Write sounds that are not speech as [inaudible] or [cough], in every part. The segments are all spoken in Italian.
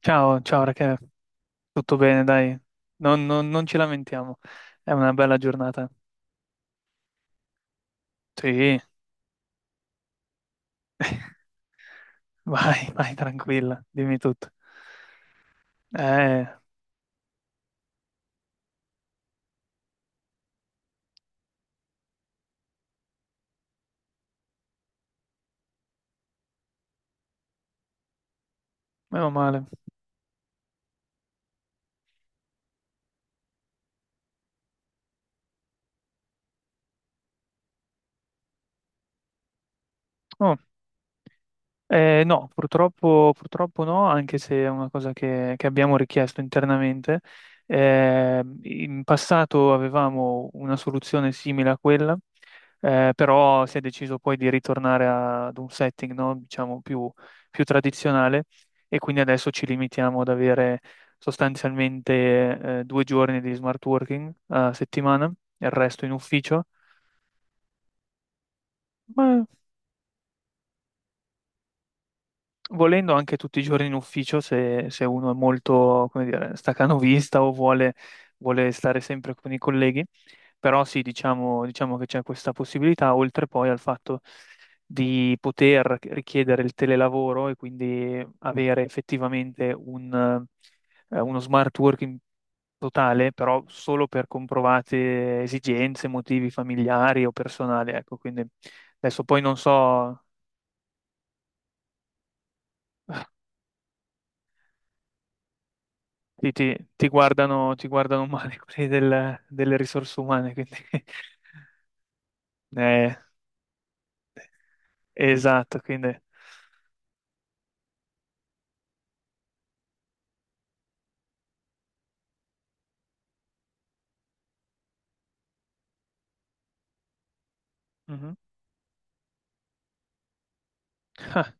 Ciao, ciao Rachele, tutto bene, dai, non ci lamentiamo, è una bella giornata. Sì. [laughs] Vai, vai, tranquilla, dimmi tutto. Eh, Meno male. Oh. No, purtroppo no, anche se è una cosa che abbiamo richiesto internamente. In passato avevamo una soluzione simile a quella, però si è deciso poi di ritornare ad un setting, no, diciamo più, più tradizionale, e quindi adesso ci limitiamo ad avere sostanzialmente, due giorni di smart working a settimana, il resto in ufficio. Volendo anche tutti i giorni in ufficio, se uno è molto, come dire, staccanovista o vuole stare sempre con i colleghi, però sì, diciamo che c'è questa possibilità, oltre poi al fatto di poter richiedere il telelavoro e quindi avere effettivamente un, uno smart working totale, però solo per comprovate esigenze, motivi familiari o personali, ecco, quindi adesso poi non so. Ti guardano male [laughs] quelli delle risorse umane, quindi... [laughs] Eh, esatto, quindi... Mhm. Ah,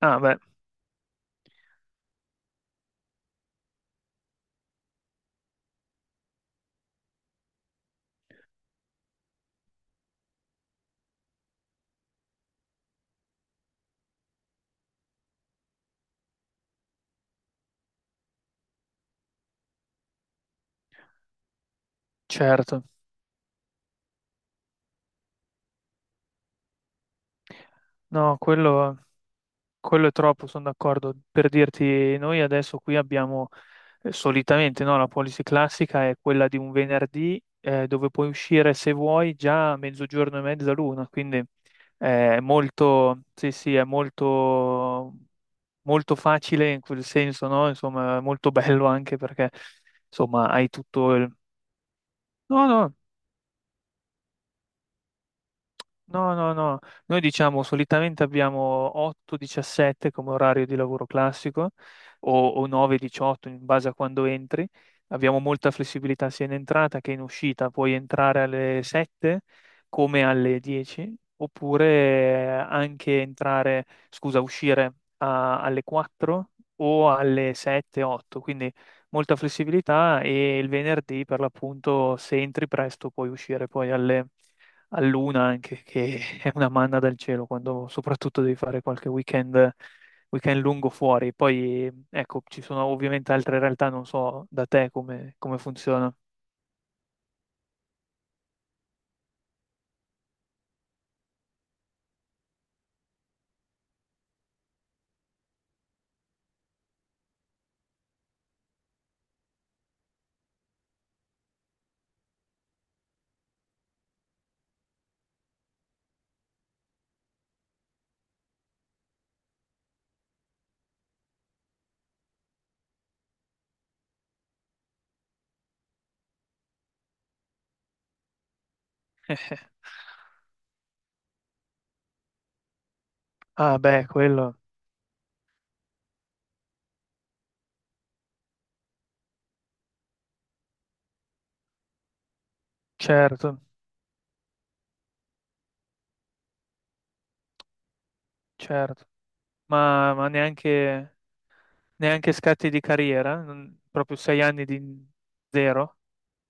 ah, beh, certo. No, quello è troppo, sono d'accordo. Per dirti, noi adesso qui abbiamo solitamente, no, la policy classica è quella di un venerdì dove puoi uscire se vuoi già a mezzogiorno e mezza l'una, quindi è molto, sì, sì, è molto molto facile in quel senso, no? Insomma, molto bello anche perché, insomma, hai tutto il... No, no. No, no, no, noi diciamo solitamente abbiamo 8-17 come orario di lavoro classico o 9-18 in base a quando entri, abbiamo molta flessibilità sia in entrata che in uscita, puoi entrare alle 7 come alle 10 oppure anche entrare, scusa, uscire alle 4 o alle 7-8, quindi molta flessibilità e il venerdì per l'appunto se entri presto puoi uscire poi alle a Luna anche, che è una manna dal cielo quando soprattutto devi fare qualche weekend, weekend lungo fuori. Poi, ecco, ci sono ovviamente altre realtà, non so da te come funziona. Ah, beh, quello, certo, certo. Ma neanche, neanche scatti di carriera? Non- proprio sei anni di zero?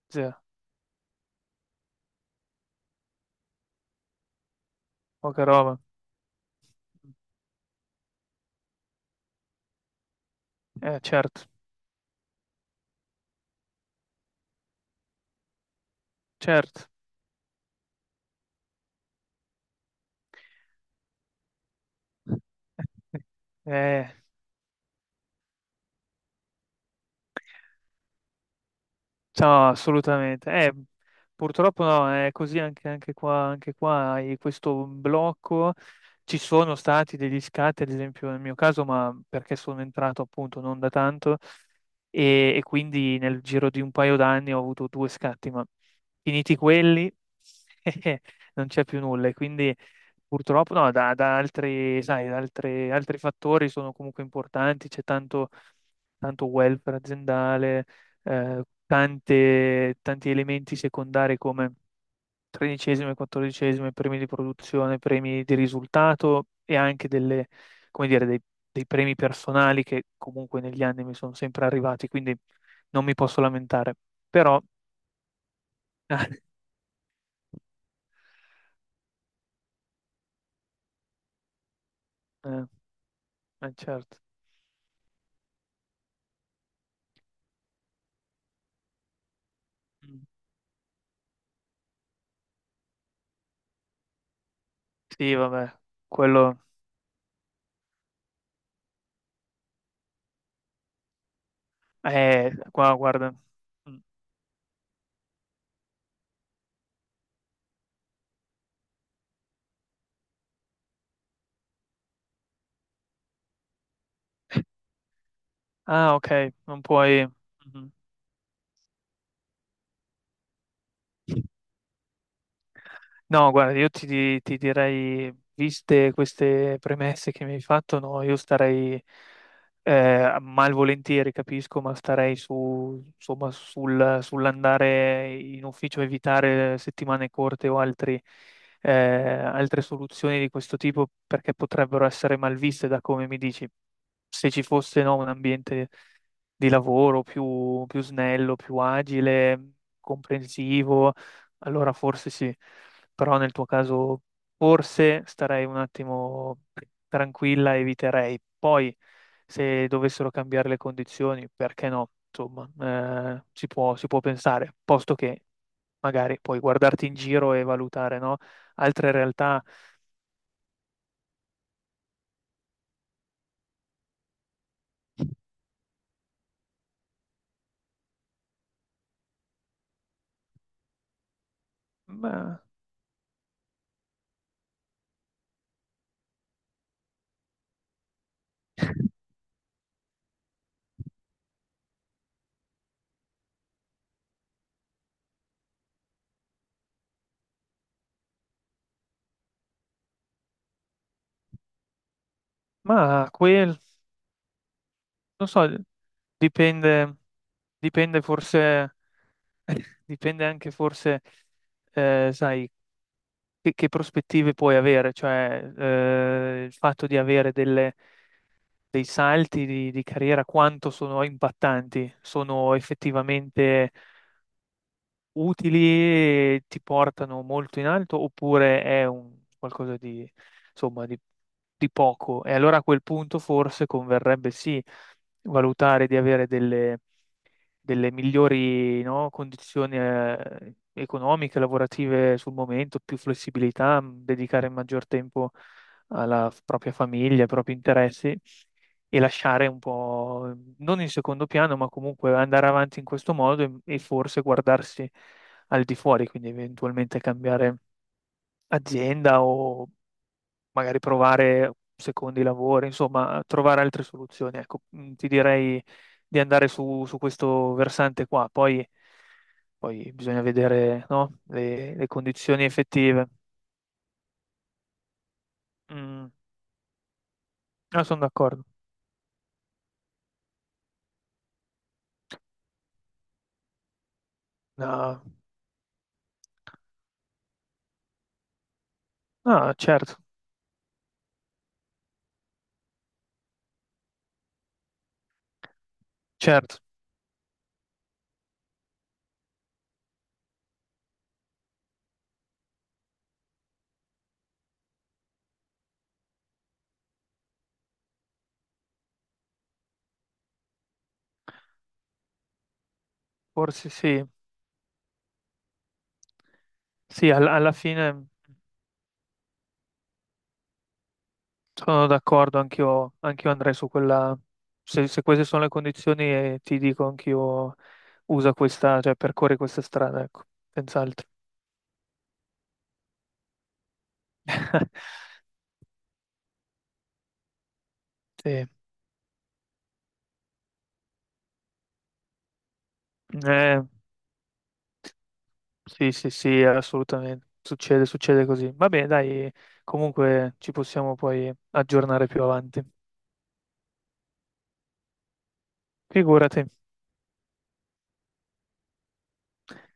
Zero, poca roba. Certo, certo. [laughs] Eh. Ciao, assolutamente. Purtroppo no, è così anche, anche qua hai questo blocco. Ci sono stati degli scatti, ad esempio nel mio caso, ma perché sono entrato appunto non da tanto e quindi nel giro di un paio d'anni ho avuto due scatti, ma finiti quelli [laughs] non c'è più nulla. E quindi purtroppo no, da altri, sai, da altri fattori sono comunque importanti, c'è tanto tanto welfare aziendale, tanti elementi secondari come tredicesime, quattordicesime, premi di produzione, premi di risultato e anche delle, come dire, dei, dei premi personali che comunque negli anni mi sono sempre arrivati, quindi non mi posso lamentare. Però, [laughs] eh, certo. Mm. Sì, vabbè, quello... qua, guarda. Mm. Ah, ok, non puoi... Mhm. No, guarda, io ti, ti direi, viste queste premesse che mi hai fatto, no, io starei malvolentieri, capisco, ma starei su, insomma, sull'andare in ufficio, evitare settimane corte o altri, altre soluzioni di questo tipo perché potrebbero essere malviste da come mi dici se ci fosse, no, un ambiente di lavoro più, più snello, più agile, comprensivo, allora forse sì. Però nel tuo caso forse starei un attimo tranquilla, eviterei. Poi se dovessero cambiare le condizioni, perché no? Insomma, si può pensare, posto che magari puoi guardarti in giro e valutare, no? Altre realtà. Ma, ma quel, non so, dipende. Dipende forse, dipende anche forse, sai, che prospettive puoi avere, cioè il fatto di avere dei salti di carriera, quanto sono impattanti, sono effettivamente utili e ti portano molto in alto oppure è un qualcosa di, insomma, di poco. E allora a quel punto forse converrebbe sì valutare di avere delle delle migliori, no, condizioni economiche, lavorative sul momento, più flessibilità, dedicare maggior tempo alla propria famiglia, ai propri interessi e lasciare un po', mm, non in secondo piano, ma comunque andare avanti in questo modo e forse guardarsi al di fuori, quindi eventualmente cambiare azienda o magari provare secondi lavori, insomma, trovare altre soluzioni. Ecco, mm, ti direi di andare su, su questo versante qua, poi, poi bisogna vedere, no, le condizioni effettive. Mm, ah, sono d'accordo. No, no, certo, certo, forse sì. Sì, alla fine sono d'accordo, anch'io anch'io andrei su quella. Se queste sono le condizioni, ti dico anch'io usa questa, cioè percorri questa strada, ecco, senz'altro. Sì. [laughs] Eh, sì, sì, sì, assolutamente. Succede, succede così. Va bene, dai, comunque ci possiamo poi aggiornare più avanti. Figurati,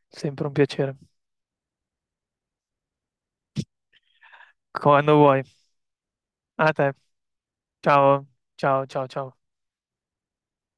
sempre un piacere. Quando vuoi. A te. Ciao, ciao, ciao, ciao.